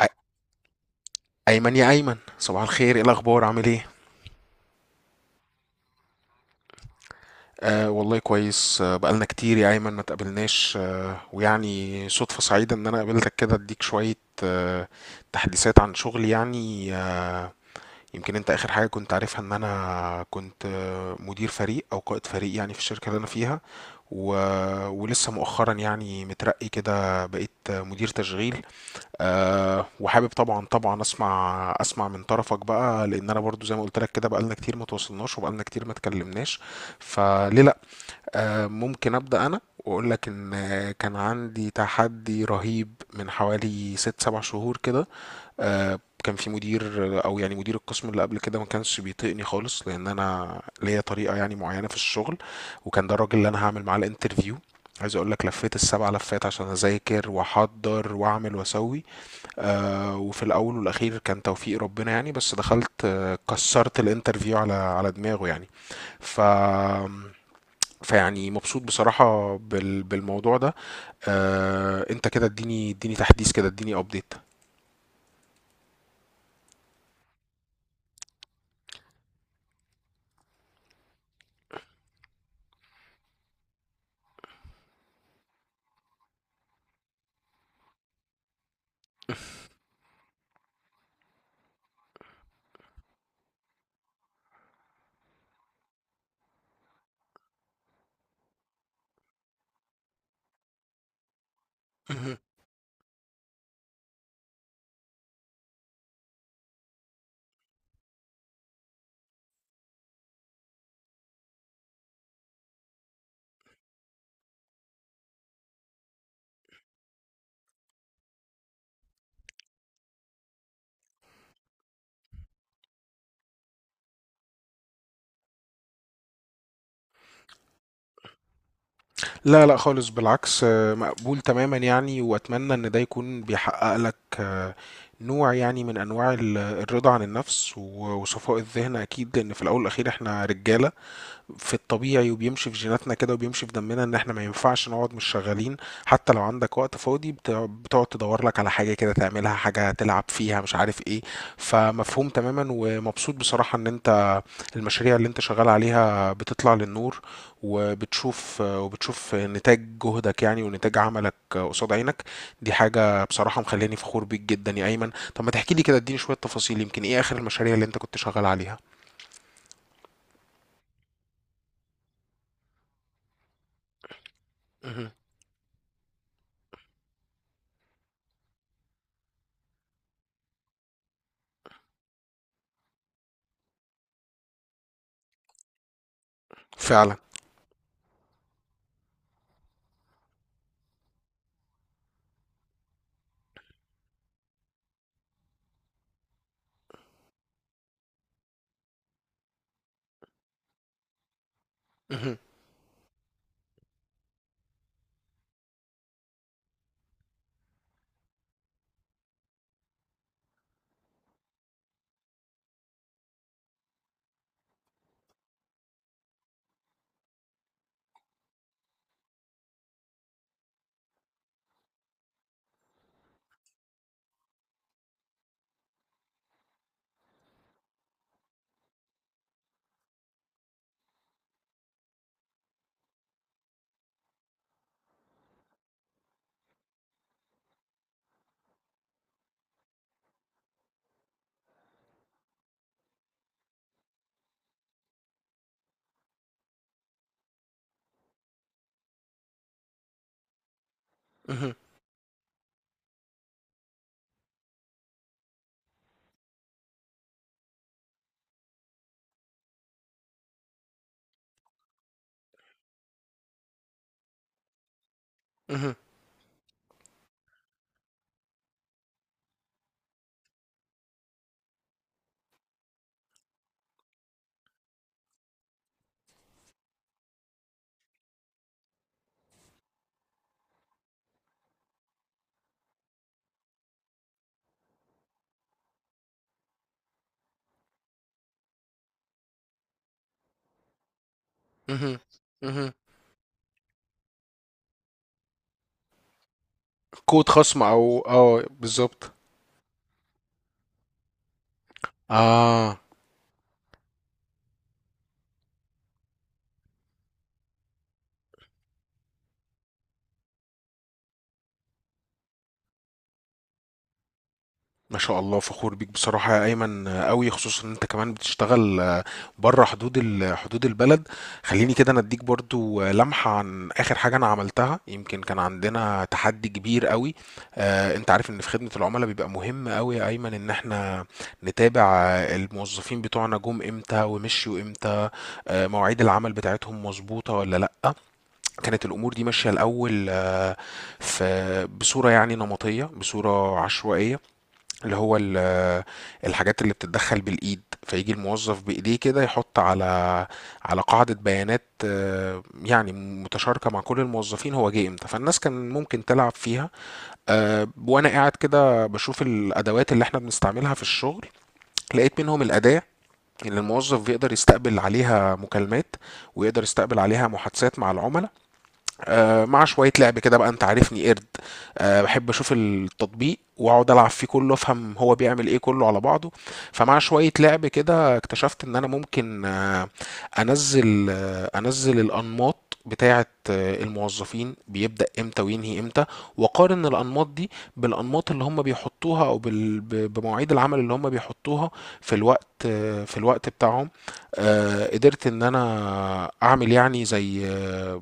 أي- أيمن، يا أيمن، صباح الخير. إيه الأخبار؟ عامل إيه؟ والله كويس. بقالنا كتير يا أيمن ما تقابلناش، ويعني صدفة سعيدة إن أنا قابلتك كده، أديك شوية آه تحديثات عن شغلي يعني. يمكن انت اخر حاجة كنت عارفها ان انا كنت، مدير فريق او قائد فريق يعني، في الشركة اللي انا فيها. و... ولسه مؤخرا يعني مترقي كده، بقيت، مدير تشغيل. وحابب، طبعا طبعا، اسمع اسمع من طرفك بقى، لان انا برضو زي ما قلت لك كده بقالنا كتير ما تواصلناش، وبقالنا كتير ما اتكلمناش. فليه لا؟ ممكن أبدأ أنا وأقول لك إن، كان عندي تحدي رهيب من حوالي ست سبع شهور كده. كان في مدير، أو يعني مدير القسم اللي قبل كده، ما كانش بيطيقني خالص، لأن أنا ليا طريقة يعني معينة في الشغل. وكان ده الراجل اللي أنا هعمل معاه الانترفيو. عايز اقول لك لفيت السبع لفات عشان اذاكر واحضر واعمل واسوي. وفي الاول والاخير كان توفيق ربنا يعني، بس دخلت كسرت الانترفيو على دماغه يعني. ف فيعني مبسوط بصراحة بالموضوع ده. انت كده، اديني اديني تحديث كده، اديني ابديت. مهم. لا لا خالص، بالعكس، مقبول تماما يعني، واتمنى ان ده يكون بيحقق لك نوع يعني من انواع الرضا عن النفس، وصفاء الذهن اكيد. لان في الاول والاخير احنا رجالة في الطبيعي، وبيمشي في جيناتنا كده وبيمشي في دمنا ان احنا ما ينفعش نقعد مش شغالين. حتى لو عندك وقت فاضي، بتقعد تدور لك على حاجة كده تعملها، حاجة تلعب فيها مش عارف ايه. فمفهوم تماما، ومبسوط بصراحة ان انت المشاريع اللي انت شغال عليها بتطلع للنور، وبتشوف نتاج جهدك يعني، ونتاج عملك قصاد عينك. دي حاجة بصراحة مخليني فخور بيك جدا يا ايمن. طب ما تحكي لي كده، اديني شوية تفاصيل، يمكن ايه اخر المشاريع اللي انت كنت شغال عليها. مهم. فعلا. مهم. مهم. مهم. مهم. مهم. كود خصم او اه، بالظبط. اه ما شاء الله، فخور بيك بصراحة يا أيمن قوي، خصوصا إن أنت كمان بتشتغل بره حدود حدود البلد. خليني كده أنا أديك برضو لمحة عن آخر حاجة أنا عملتها. يمكن كان عندنا تحدي كبير قوي. أنت عارف إن في خدمة العملاء بيبقى مهم قوي يا أيمن إن إحنا نتابع الموظفين بتوعنا جم إمتى ومشيوا إمتى، مواعيد العمل بتاعتهم مظبوطة ولا لأ. كانت الأمور دي ماشية الأول، في بصورة يعني نمطية، بصورة عشوائية. اللي هو الحاجات اللي بتتدخل بالإيد، فيجي الموظف بإيديه كده يحط على قاعدة بيانات يعني متشاركة مع كل الموظفين، هو جه امتى، فالناس كان ممكن تلعب فيها. وأنا قاعد كده بشوف الأدوات اللي احنا بنستعملها في الشغل، لقيت منهم الأداة اللي الموظف بيقدر يستقبل عليها مكالمات، ويقدر يستقبل عليها محادثات مع العملاء. مع شوية لعب كده بقى، انت عارفني قرد، بحب اشوف التطبيق واقعد العب فيه كله، افهم هو بيعمل ايه كله على بعضه. فمع شوية لعب كده اكتشفت ان انا ممكن انزل الانماط بتاعة الموظفين، بيبدأ امتى وينهي امتى، واقارن الانماط دي بالانماط اللي هم بيحطوها، او بمواعيد العمل اللي هم بيحطوها في الوقت، في الوقت بتاعهم. قدرت ان انا اعمل يعني زي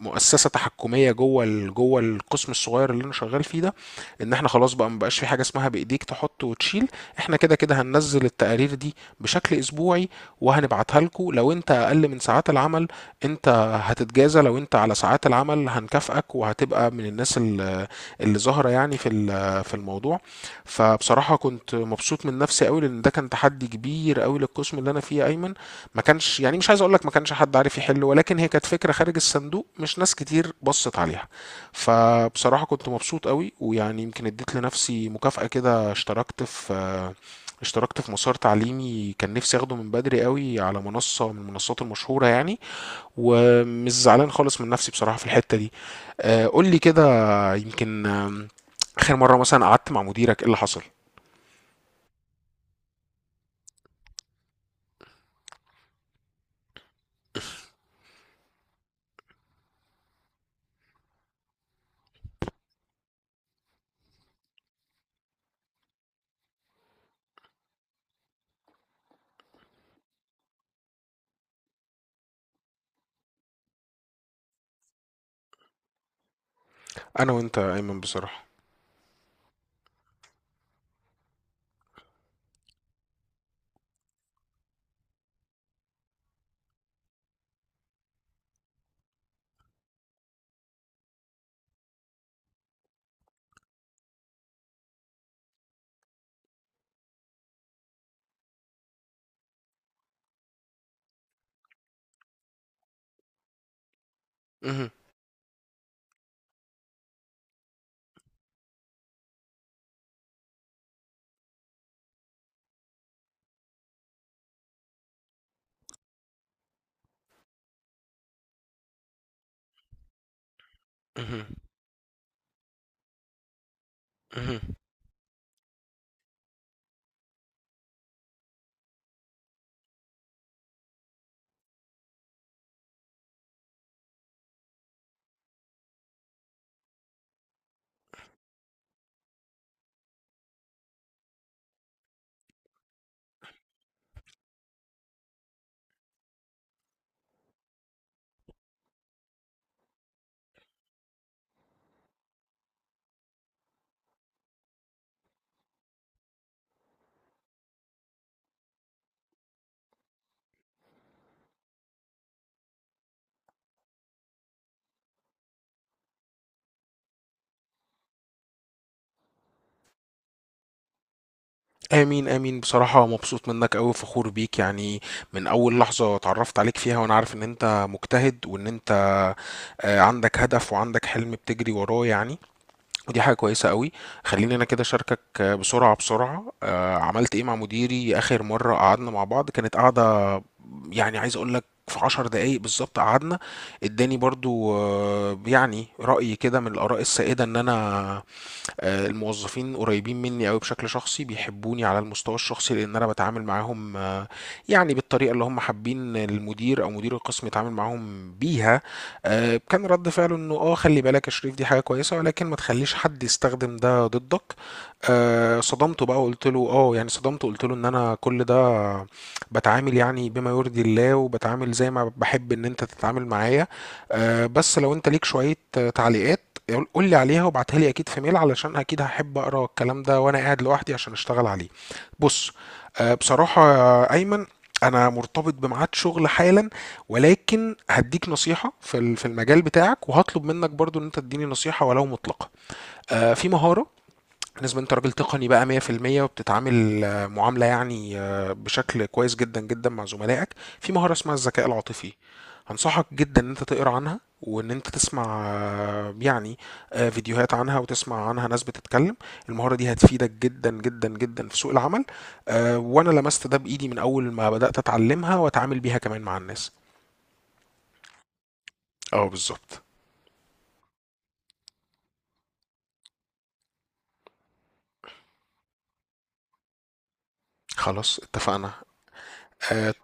مؤسسه تحكميه جوه جوه القسم الصغير اللي انا شغال فيه ده. ان احنا خلاص بقى، مبقاش في حاجه اسمها بايديك تحط وتشيل، احنا كده كده هننزل التقارير دي بشكل اسبوعي وهنبعتها لكم. لو انت اقل من ساعات العمل، انت هتتجازى. لو انت على ساعات العمل، هنكافئك وهتبقى من الناس اللي ظاهره يعني في في الموضوع. فبصراحه كنت مبسوط من نفسي قوي، لان ده كان تحدي كبير قوي للقسم اللي انا فيه يا ايمن. ما كانش يعني، مش عايز اقول لك ما كانش حد عارف يحله، ولكن هي كانت فكره خارج الصندوق، مش ناس كتير بصت عليها. فبصراحه كنت مبسوط قوي، ويعني يمكن اديت لنفسي مكافاه كده، اشتركت في مسار تعليمي كان نفسي اخده من بدري قوي، على منصه من المنصات المشهوره يعني، ومش زعلان خالص من نفسي بصراحه في الحته دي. قول لي كده، يمكن، اخر مره مثلا قعدت مع مديرك، ايه اللي حصل؟ انا وانت يا ايمن بصراحه. مهم. مهم. مهم. امين امين. بصراحة مبسوط منك اوي، فخور بيك يعني. من اول لحظة اتعرفت عليك فيها وانا عارف ان انت مجتهد، وان انت عندك هدف وعندك حلم بتجري وراه يعني. ودي حاجة كويسة قوي. خليني انا كده اشاركك بسرعة بسرعة عملت ايه مع مديري اخر مرة قعدنا مع بعض. كانت قعدة يعني، عايز اقول لك في 10 دقايق بالظبط قعدنا. اداني برضو يعني رأي كده من الآراء السائدة ان انا الموظفين قريبين مني قوي بشكل شخصي، بيحبوني على المستوى الشخصي، لان انا بتعامل معاهم يعني بالطريقه اللي هم حابين المدير او مدير القسم يتعامل معاهم بيها. كان رد فعله انه اه خلي بالك يا شريف، دي حاجه كويسه ولكن ما تخليش حد يستخدم ده ضدك. صدمته بقى، وقلت له اه، يعني صدمته، قلت له ان انا كل ده بتعامل يعني بما يرضي الله، وبتعامل زي ما بحب ان انت تتعامل معايا. بس لو انت ليك شوية تعليقات، قول قول لي عليها وابعتها لي اكيد في ميل، علشان اكيد هحب اقرا الكلام ده وانا قاعد لوحدي عشان اشتغل عليه. بص. بصراحة يا ايمن، انا مرتبط بميعاد شغل حالا، ولكن هديك نصيحة في في المجال بتاعك، وهطلب منك برضو ان انت تديني نصيحة ولو مطلقة. في مهارة. بالنسبة انت راجل تقني بقى 100% وبتتعامل معاملة يعني بشكل كويس جدا جدا مع زملائك. في مهارة اسمها الذكاء العاطفي. هنصحك جدا ان انت تقرا عنها، وان انت تسمع آه، يعني فيديوهات عنها، وتسمع عنها ناس بتتكلم. المهارة دي هتفيدك جدا جدا جدا في سوق العمل. وانا لمست ده بايدي من اول ما بدأت اتعلمها واتعامل بيها كمان مع الناس. اه بالظبط. خلاص اتفقنا. آه،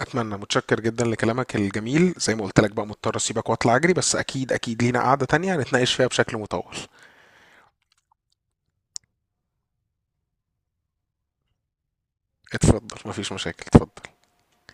اتمنى. متشكر جدا لكلامك الجميل. زي ما قلت لك بقى، مضطر اسيبك واطلع اجري، بس اكيد اكيد لينا قعدة تانية هنتناقش فيها بشكل مطول. اتفضل، مفيش مشاكل اتفضل.